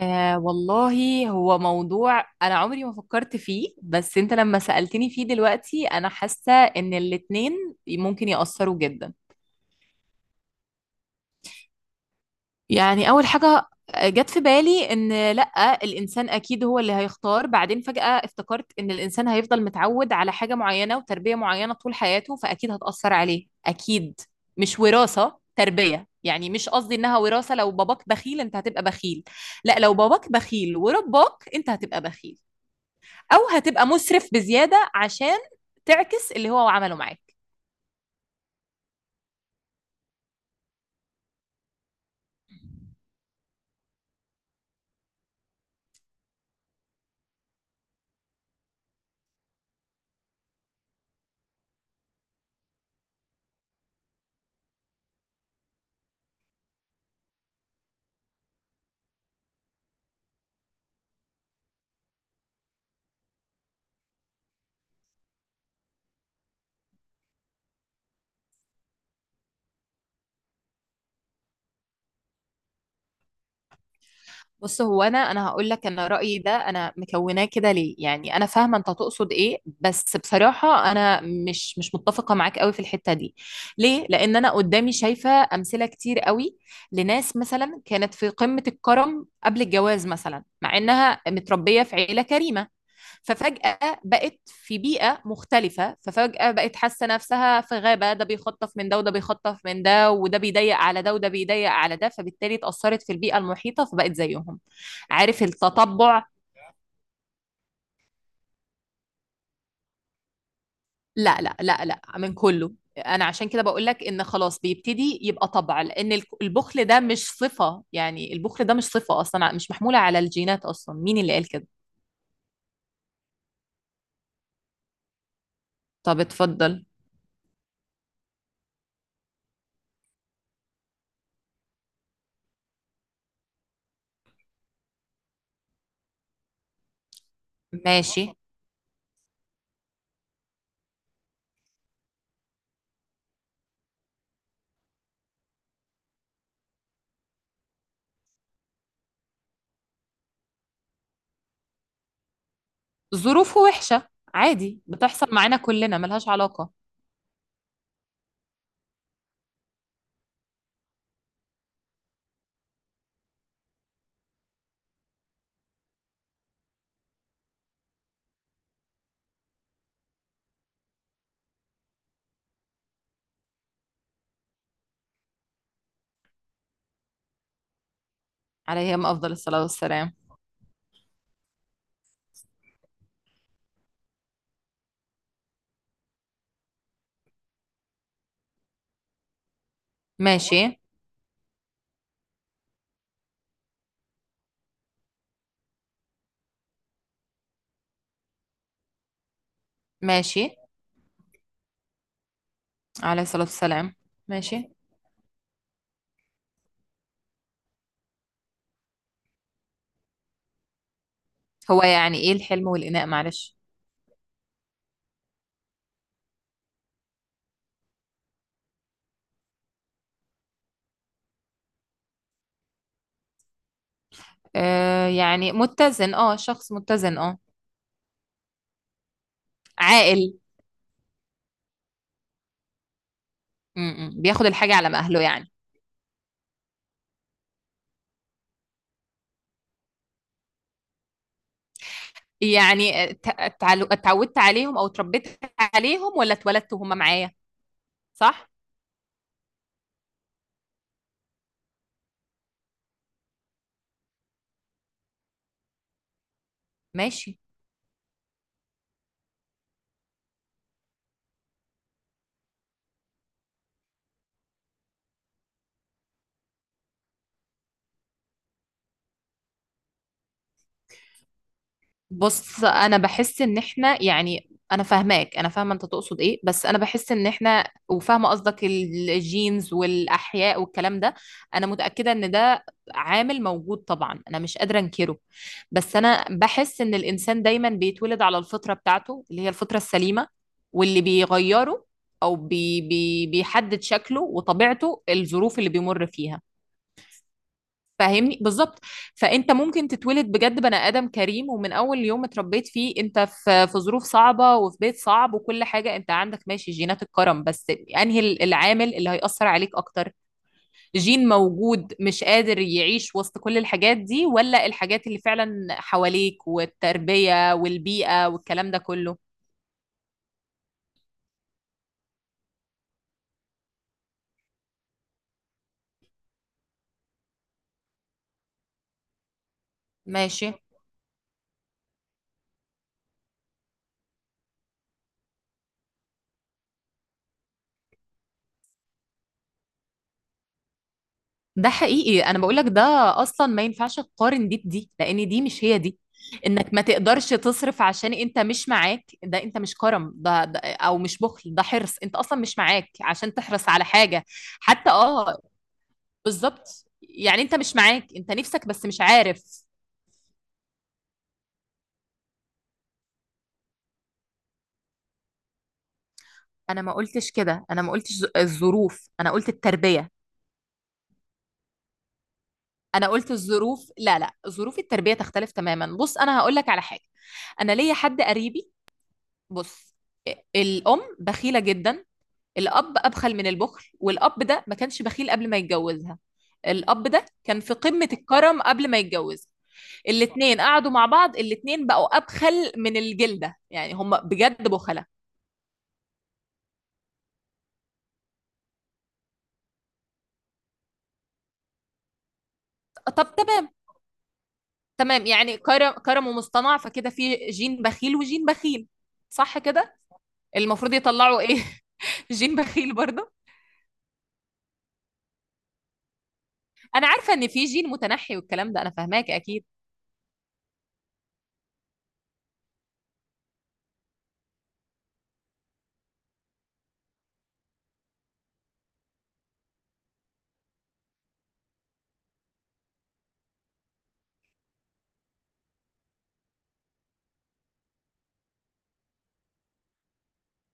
آه والله، هو موضوع أنا عمري ما فكرت فيه. بس أنت لما سألتني فيه دلوقتي أنا حاسة إن الاتنين ممكن يأثروا جدا. يعني أول حاجة جت في بالي إن لأ الإنسان أكيد هو اللي هيختار. بعدين فجأة افتكرت إن الإنسان هيفضل متعود على حاجة معينة وتربية معينة طول حياته، فأكيد هتأثر عليه أكيد. مش وراثة، تربية. يعني مش قصدي إنها وراثة، لو باباك بخيل أنت هتبقى بخيل. لأ، لو باباك بخيل ورباك أنت هتبقى بخيل، او هتبقى مسرف بزياده عشان تعكس اللي هو عمله معاك. بص، هو انا هقول لك انا رايي ده، انا مكوناه كده. ليه؟ يعني انا فاهمه انت تقصد ايه، بس بصراحه انا مش متفقه معاك قوي في الحته دي. ليه؟ لان انا قدامي شايفه امثله كتير قوي، لناس مثلا كانت في قمه الكرم قبل الجواز، مثلا مع انها متربيه في عيله كريمه، ففجأة بقت في بيئة مختلفة، ففجأة بقت حاسة نفسها في غابة، ده بيخطف من ده وده بيخطف من ده وده بيضيق على ده وده بيضيق على ده، فبالتالي اتأثرت في البيئة المحيطة فبقت زيهم. عارف؟ التطبع. لا لا لا لا، من كله. انا عشان كده بقول لك ان خلاص بيبتدي يبقى طبع، لان البخل ده مش صفة. يعني البخل ده مش صفة اصلا، مش محمولة على الجينات اصلا. مين اللي قال كده؟ طب اتفضل. ماشي. ظروفه وحشة، عادي، بتحصل معانا كلنا، ملهاش علاقة. عليهم أفضل الصلاة والسلام. ماشي. ماشي. عليه الصلاة والسلام. ماشي. هو يعني إيه الحلم والإناء؟ معلش. آه، يعني متزن، اه، شخص متزن، اه. عاقل. م -م. بياخد الحاجة على ما أهله يعني. يعني اتعودت عليهم أو اتربيت عليهم، ولا اتولدت وهم معايا؟ صح. ماشي. بص، انا بحس ان احنا، يعني انا فاهماك، انا فاهمه انت تقصد ايه، بس انا بحس ان احنا، وفاهمه قصدك الجينز والاحياء والكلام ده. انا متاكده ان ده عامل موجود طبعا، انا مش قادره انكره. بس انا بحس ان الانسان دايما بيتولد على الفطره بتاعته، اللي هي الفطره السليمه، واللي بيغيره او بي بي بيحدد شكله وطبيعته الظروف اللي بيمر فيها. فاهمني بالظبط. فانت ممكن تتولد بجد بني ادم كريم، ومن اول يوم اتربيت فيه انت في ظروف صعبه وفي بيت صعب وكل حاجه، انت عندك ماشي جينات الكرم، بس انهي العامل اللي هيأثر عليك اكتر؟ جين موجود مش قادر يعيش وسط كل الحاجات دي، ولا الحاجات اللي فعلا حواليك والتربيه والبيئه والكلام ده كله؟ ماشي. ده حقيقي، انا بقول لك ده. اصلا ما ينفعش تقارن دي بدي، لان دي مش هي دي. انك ما تقدرش تصرف عشان انت مش معاك، ده انت مش كرم، ده او مش بخل، ده حرص. انت اصلا مش معاك عشان تحرص على حاجة. حتى اه، بالظبط، يعني انت مش معاك، انت نفسك بس مش عارف. انا ما قلتش كده. انا ما قلتش الظروف، انا قلت التربية. انا قلت الظروف، لا لا، ظروف التربية تختلف تماما. بص انا هقول لك على حاجة. انا ليا حد قريبي. بص، الأم بخيلة جدا، الأب أبخل من البخل، والأب ده ما كانش بخيل قبل ما يتجوزها. الأب ده كان في قمة الكرم قبل ما يتجوز. الاتنين قعدوا مع بعض، الاتنين بقوا أبخل من الجلدة، يعني هم بجد بخلة. طب تمام. تمام، يعني كرم كرم ومصطنع، فكده في جين بخيل وجين بخيل. صح كده؟ المفروض يطلعوا ايه؟ جين بخيل برضه. انا عارفه ان في جين متنحي والكلام ده، انا فاهماك اكيد.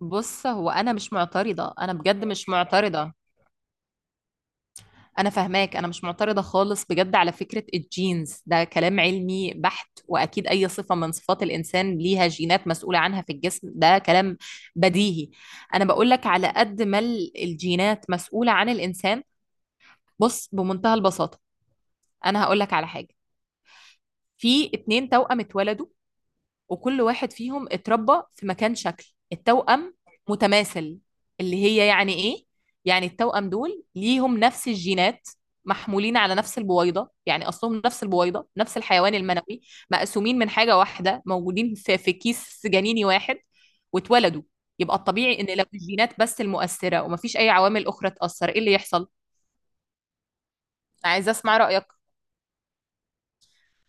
بص، هو انا مش معترضه، انا بجد مش معترضه. أنا فاهماك، أنا مش معترضة خالص بجد. على فكرة الجينز ده كلام علمي بحت، وأكيد أي صفة من صفات الإنسان ليها جينات مسؤولة عنها في الجسم. ده كلام بديهي. أنا بقولك على قد ما الجينات مسؤولة عن الإنسان. بص، بمنتهى البساطة، أنا هقولك على حاجة. في اتنين توأم اتولدوا، وكل واحد فيهم اتربى في مكان. شكل التوأم متماثل، اللي هي يعني ايه؟ يعني التوأم دول ليهم نفس الجينات، محمولين على نفس البويضة، يعني أصلهم نفس البويضة، نفس الحيوان المنوي، مقسومين من حاجة واحدة، موجودين في, كيس جنيني واحد واتولدوا. يبقى الطبيعي إن لو الجينات بس المؤثرة ومفيش أي عوامل أخرى تأثر، إيه اللي يحصل؟ عايزة أسمع رأيك.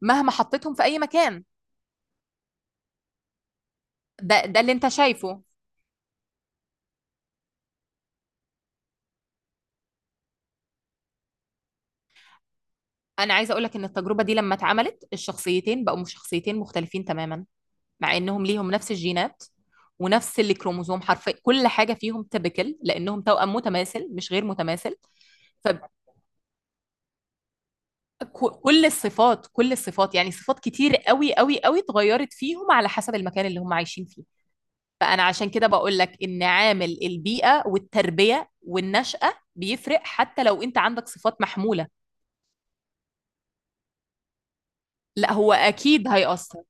مهما حطيتهم في أي مكان. ده اللي أنت شايفه. انا عايزه اقول لك ان التجربه دي لما اتعملت الشخصيتين بقوا شخصيتين مختلفين تماما، مع انهم ليهم نفس الجينات ونفس الكروموزوم، حرفيا كل حاجه فيهم تبكل لانهم توأم متماثل مش غير متماثل. فكل الصفات، كل الصفات، يعني صفات كتير قوي قوي قوي اتغيرت فيهم على حسب المكان اللي هم عايشين فيه. فانا عشان كده بقول لك ان عامل البيئه والتربيه والنشأة بيفرق، حتى لو انت عندك صفات محموله. لا، هو اكيد هيأثر.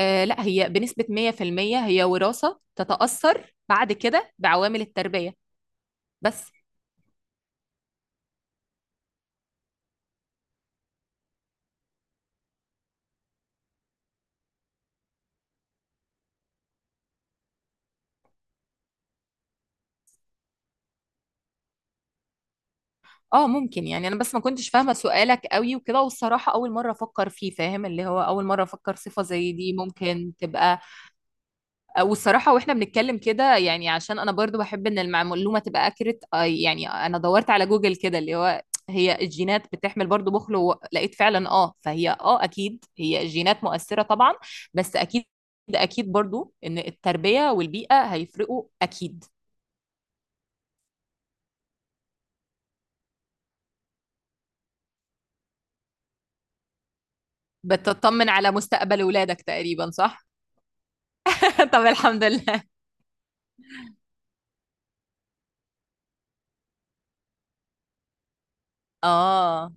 آه لا، هي بنسبة 100% هي وراثة، تتأثر بعد كده بعوامل التربية بس. اه، ممكن، يعني انا بس ما كنتش فاهمة سؤالك قوي وكده، والصراحة اول مرة افكر فيه، فاهم؟ اللي هو اول مرة افكر صفة زي دي ممكن تبقى. آه، والصراحة واحنا بنتكلم كده يعني، عشان انا برضو بحب ان المعلومة تبقى اكرت، يعني انا دورت على جوجل كده اللي هو هي الجينات بتحمل برضو بخل، ولقيت فعلا. اه، فهي، اه، اكيد هي الجينات مؤثرة طبعا، بس اكيد اكيد برضو ان التربية والبيئة هيفرقوا اكيد. بتطمن على مستقبل ولادك تقريبا صح؟ طب الحمد لله. اه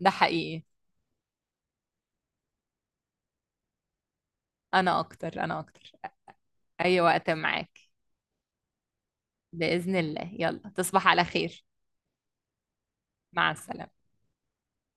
ده حقيقي. انا اكتر، انا اكتر. اي وقت معاك. بإذن الله، يلا تصبح على خير. مع السلامة.